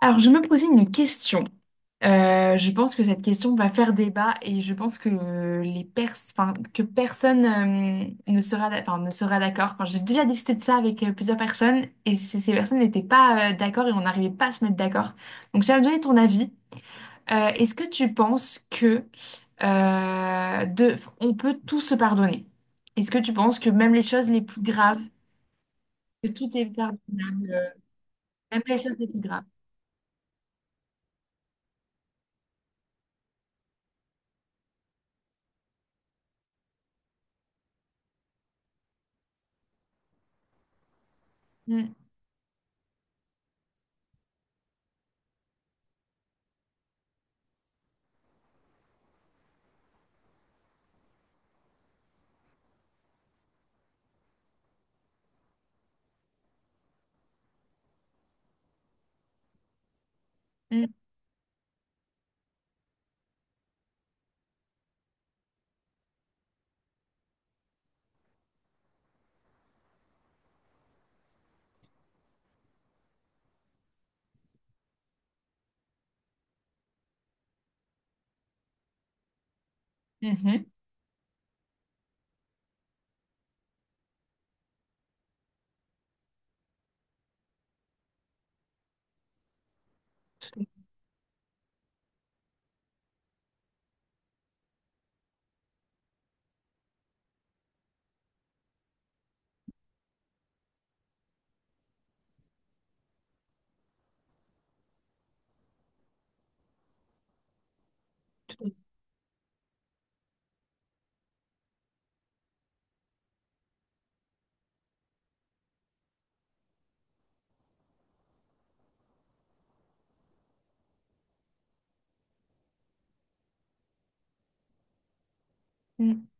Alors, je me posais une question. Je pense que cette question va faire débat et je pense que que personne ne sera, ne sera d'accord. Enfin, j'ai déjà discuté de ça avec plusieurs personnes et ces personnes n'étaient pas d'accord et on n'arrivait pas à se mettre d'accord. Donc, j'aimerais donner ton avis. Est-ce que tu penses que on peut tout se pardonner? Est-ce que tu penses que même les choses les plus graves, que tout est pardonnable, même les choses les plus graves? Mm, mm, mhm. Tout à- Tout à fait.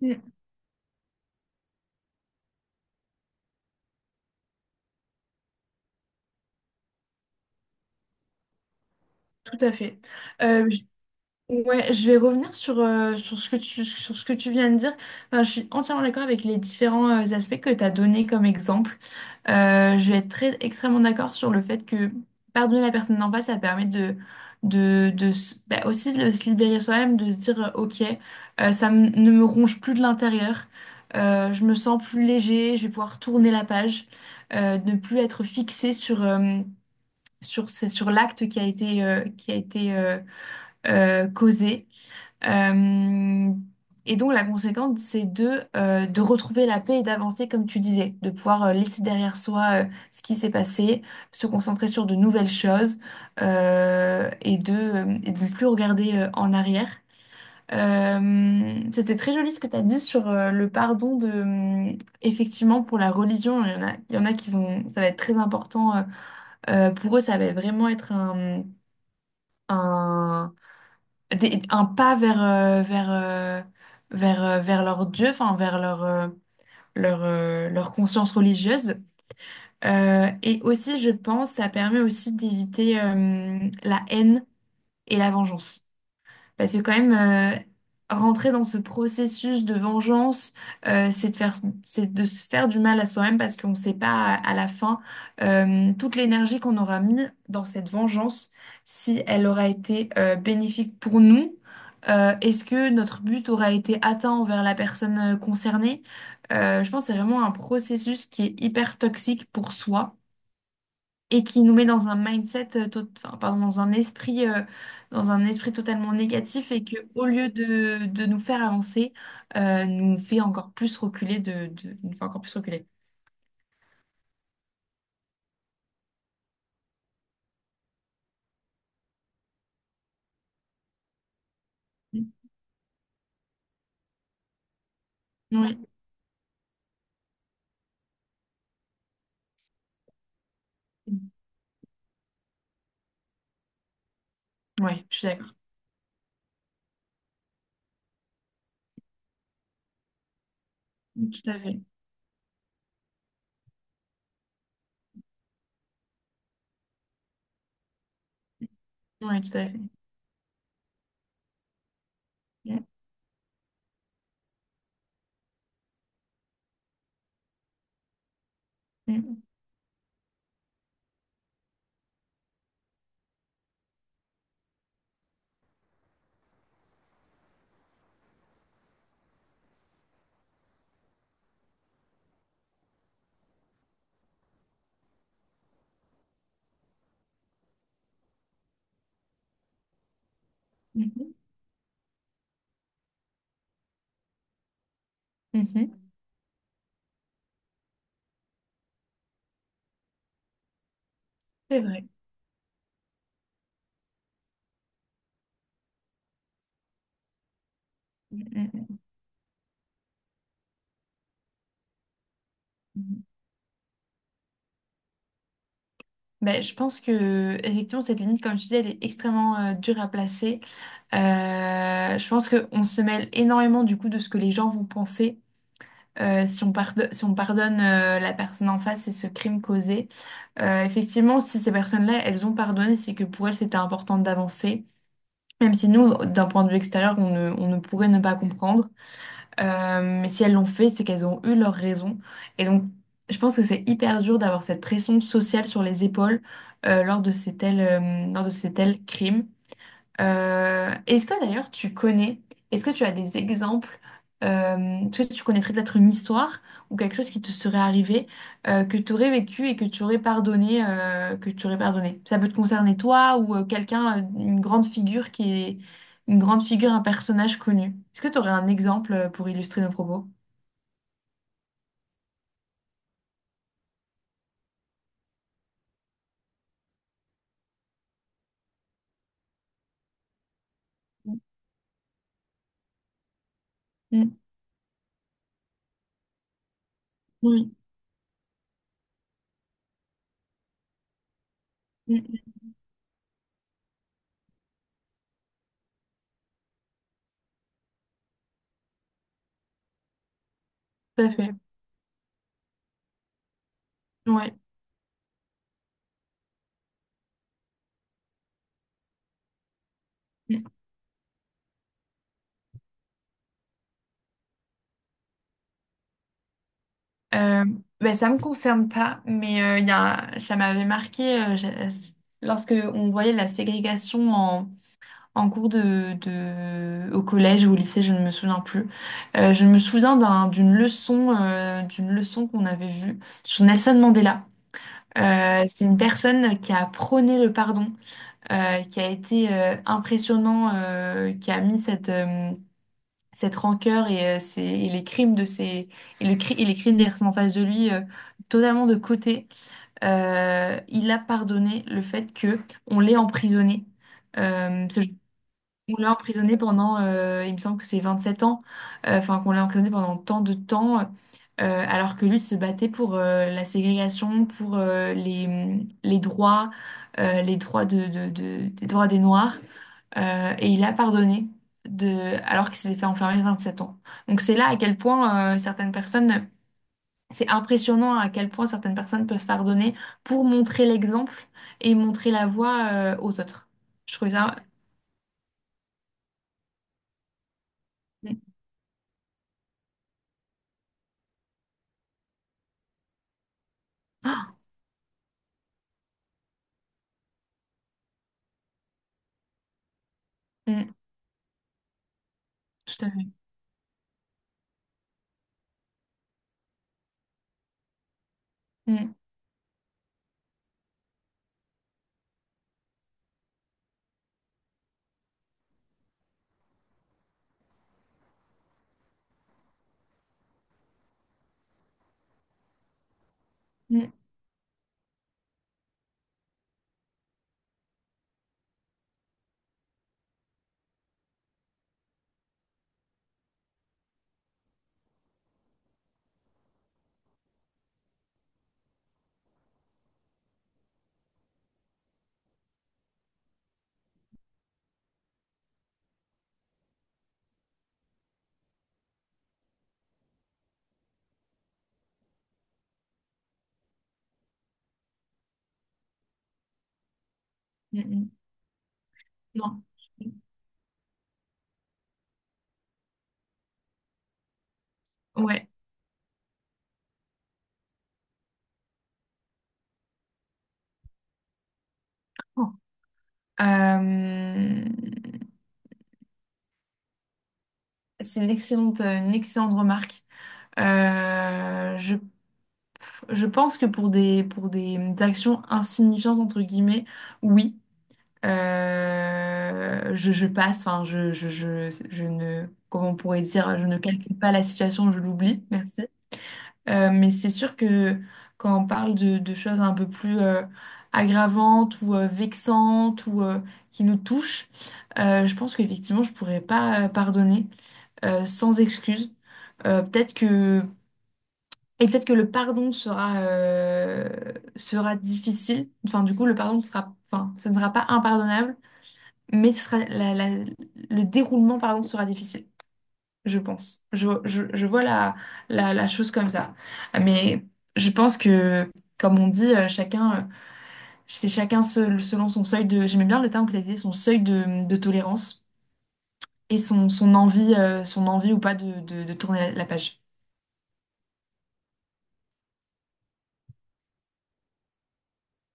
Mm. Tout à fait. Euh, je- ouais, je vais revenir sur sur ce que tu viens de dire. Enfin, je suis entièrement d'accord avec les différents aspects que tu as donnés comme exemple. Je vais être très, extrêmement d'accord sur le fait que pardonner la personne d'en face, ça permet bah, aussi de se libérer soi-même, de se dire, OK, ne me ronge plus de l'intérieur. Je me sens plus léger, je vais pouvoir tourner la page, ne plus être fixé sur l'acte qui a été causé. Euh, et donc la conséquence, c'est de retrouver la paix et d'avancer, comme tu disais, de pouvoir laisser derrière soi ce qui s'est passé, se concentrer sur de nouvelles choses et de ne plus regarder en arrière. C'était très joli ce que tu as dit sur le pardon effectivement, pour la religion, il y en a ça va être très important pour eux, ça va vraiment être un, un pas vers leur Dieu, enfin leur conscience religieuse. Et aussi, je pense, ça permet aussi d'éviter la haine et la vengeance. Parce que quand même, rentrer dans ce processus de vengeance, euh, c'est de faire, c'est de se faire du mal à soi-même parce qu'on ne sait pas à la fin toute l'énergie qu'on aura mis dans cette vengeance, si elle aura été bénéfique pour nous. Est-ce que notre but aura été atteint envers la personne concernée? Je pense que c'est vraiment un processus qui est hyper toxique pour soi et qui nous met dans un mindset, enfin, pardon, dans un esprit totalement négatif et que au lieu de nous faire avancer, nous fait encore plus reculer nous fait encore plus reculer. Mm. Oui. Mm. Ouais, je suis d'accord. Mm, tout à fait. Oui, tout à fait. Mm, mm, mhm, mhm. C'est vrai. Mm, mm, mm, mhm. Ben, je pense que effectivement cette limite, comme je disais, elle est extrêmement dure à placer. Je pense qu'on se mêle énormément du coup de ce que les gens vont penser si on pardonne, la personne en face et ce crime causé. Effectivement, si ces personnes-là, elles ont pardonné, c'est que pour elles, c'était important d'avancer. Même si nous, d'un point de vue extérieur, on ne pourrait ne pas comprendre. Mais si elles l'ont fait, c'est qu'elles ont eu leurs raisons. Et donc, je pense que c'est hyper dur d'avoir cette pression sociale sur les épaules lors de ces tels crimes. Euh, est-ce que d'ailleurs tu connais, Est-ce que tu as des exemples, euh, ce que tu connaîtrais peut-être une histoire ou quelque chose qui te serait arrivé, que tu aurais vécu et que tu aurais pardonné, que tu aurais pardonné. Ça peut te concerner toi ou quelqu'un, une grande figure, un personnage connu. Est-ce que tu aurais un exemple pour illustrer nos propos? Mm. Oui. Mm. Tout à fait. Ouais. Mm. Euh, ben, ça me concerne pas, mais il y a, un- ça m'avait marqué lorsque on voyait la ségrégation en cours au collège ou au lycée, je ne me souviens plus. Je me souviens d'une leçon qu'on avait vue sur Nelson Mandela. C'est une personne qui a prôné le pardon, qui a été impressionnant, qui a mis cette rancœur et et les crimes de ses et, le cri- et les crimes des personnes en face de lui totalement de côté. Il a pardonné le fait que on l'ait emprisonné. Euh, ce- on l'a emprisonné il me semble que c'est 27 ans. Enfin qu'on l'a emprisonné pendant tant de temps, alors que lui se battait pour la ségrégation, pour les droits, des droits des Noirs et il a pardonné de, alors qu'il s'était fait enfermer 27 ans. Donc c'est là à quel point c'est impressionnant à quel point certaines personnes peuvent pardonner pour montrer l'exemple et montrer la voie aux autres. Je trouve ça. Mm. Ah, mm, tout à fait. Mm, mm, mm, mm. Non. Ouais. Oh. Euh, c'est une excellente remarque. Euh, je Je pense que pour des actions insignifiantes, entre guillemets, oui, je passe, enfin, je ne, comment on pourrait dire, je ne calcule pas la situation, je l'oublie, merci. Mais c'est sûr que quand on parle de choses un peu plus aggravantes ou vexantes ou qui nous touchent, je pense qu'effectivement, je pourrais pas pardonner sans excuse. Peut-être que et peut-être que le pardon sera difficile. Enfin, du coup, le pardon sera, enfin, ce ne sera pas impardonnable, mais ce sera le déroulement, pardon, sera difficile, je pense. Je vois la chose comme ça. Mais je pense que, comme on dit, chacun, selon son seuil j'aimais bien le terme que tu as dit, son seuil de tolérance et son envie ou pas de tourner la page.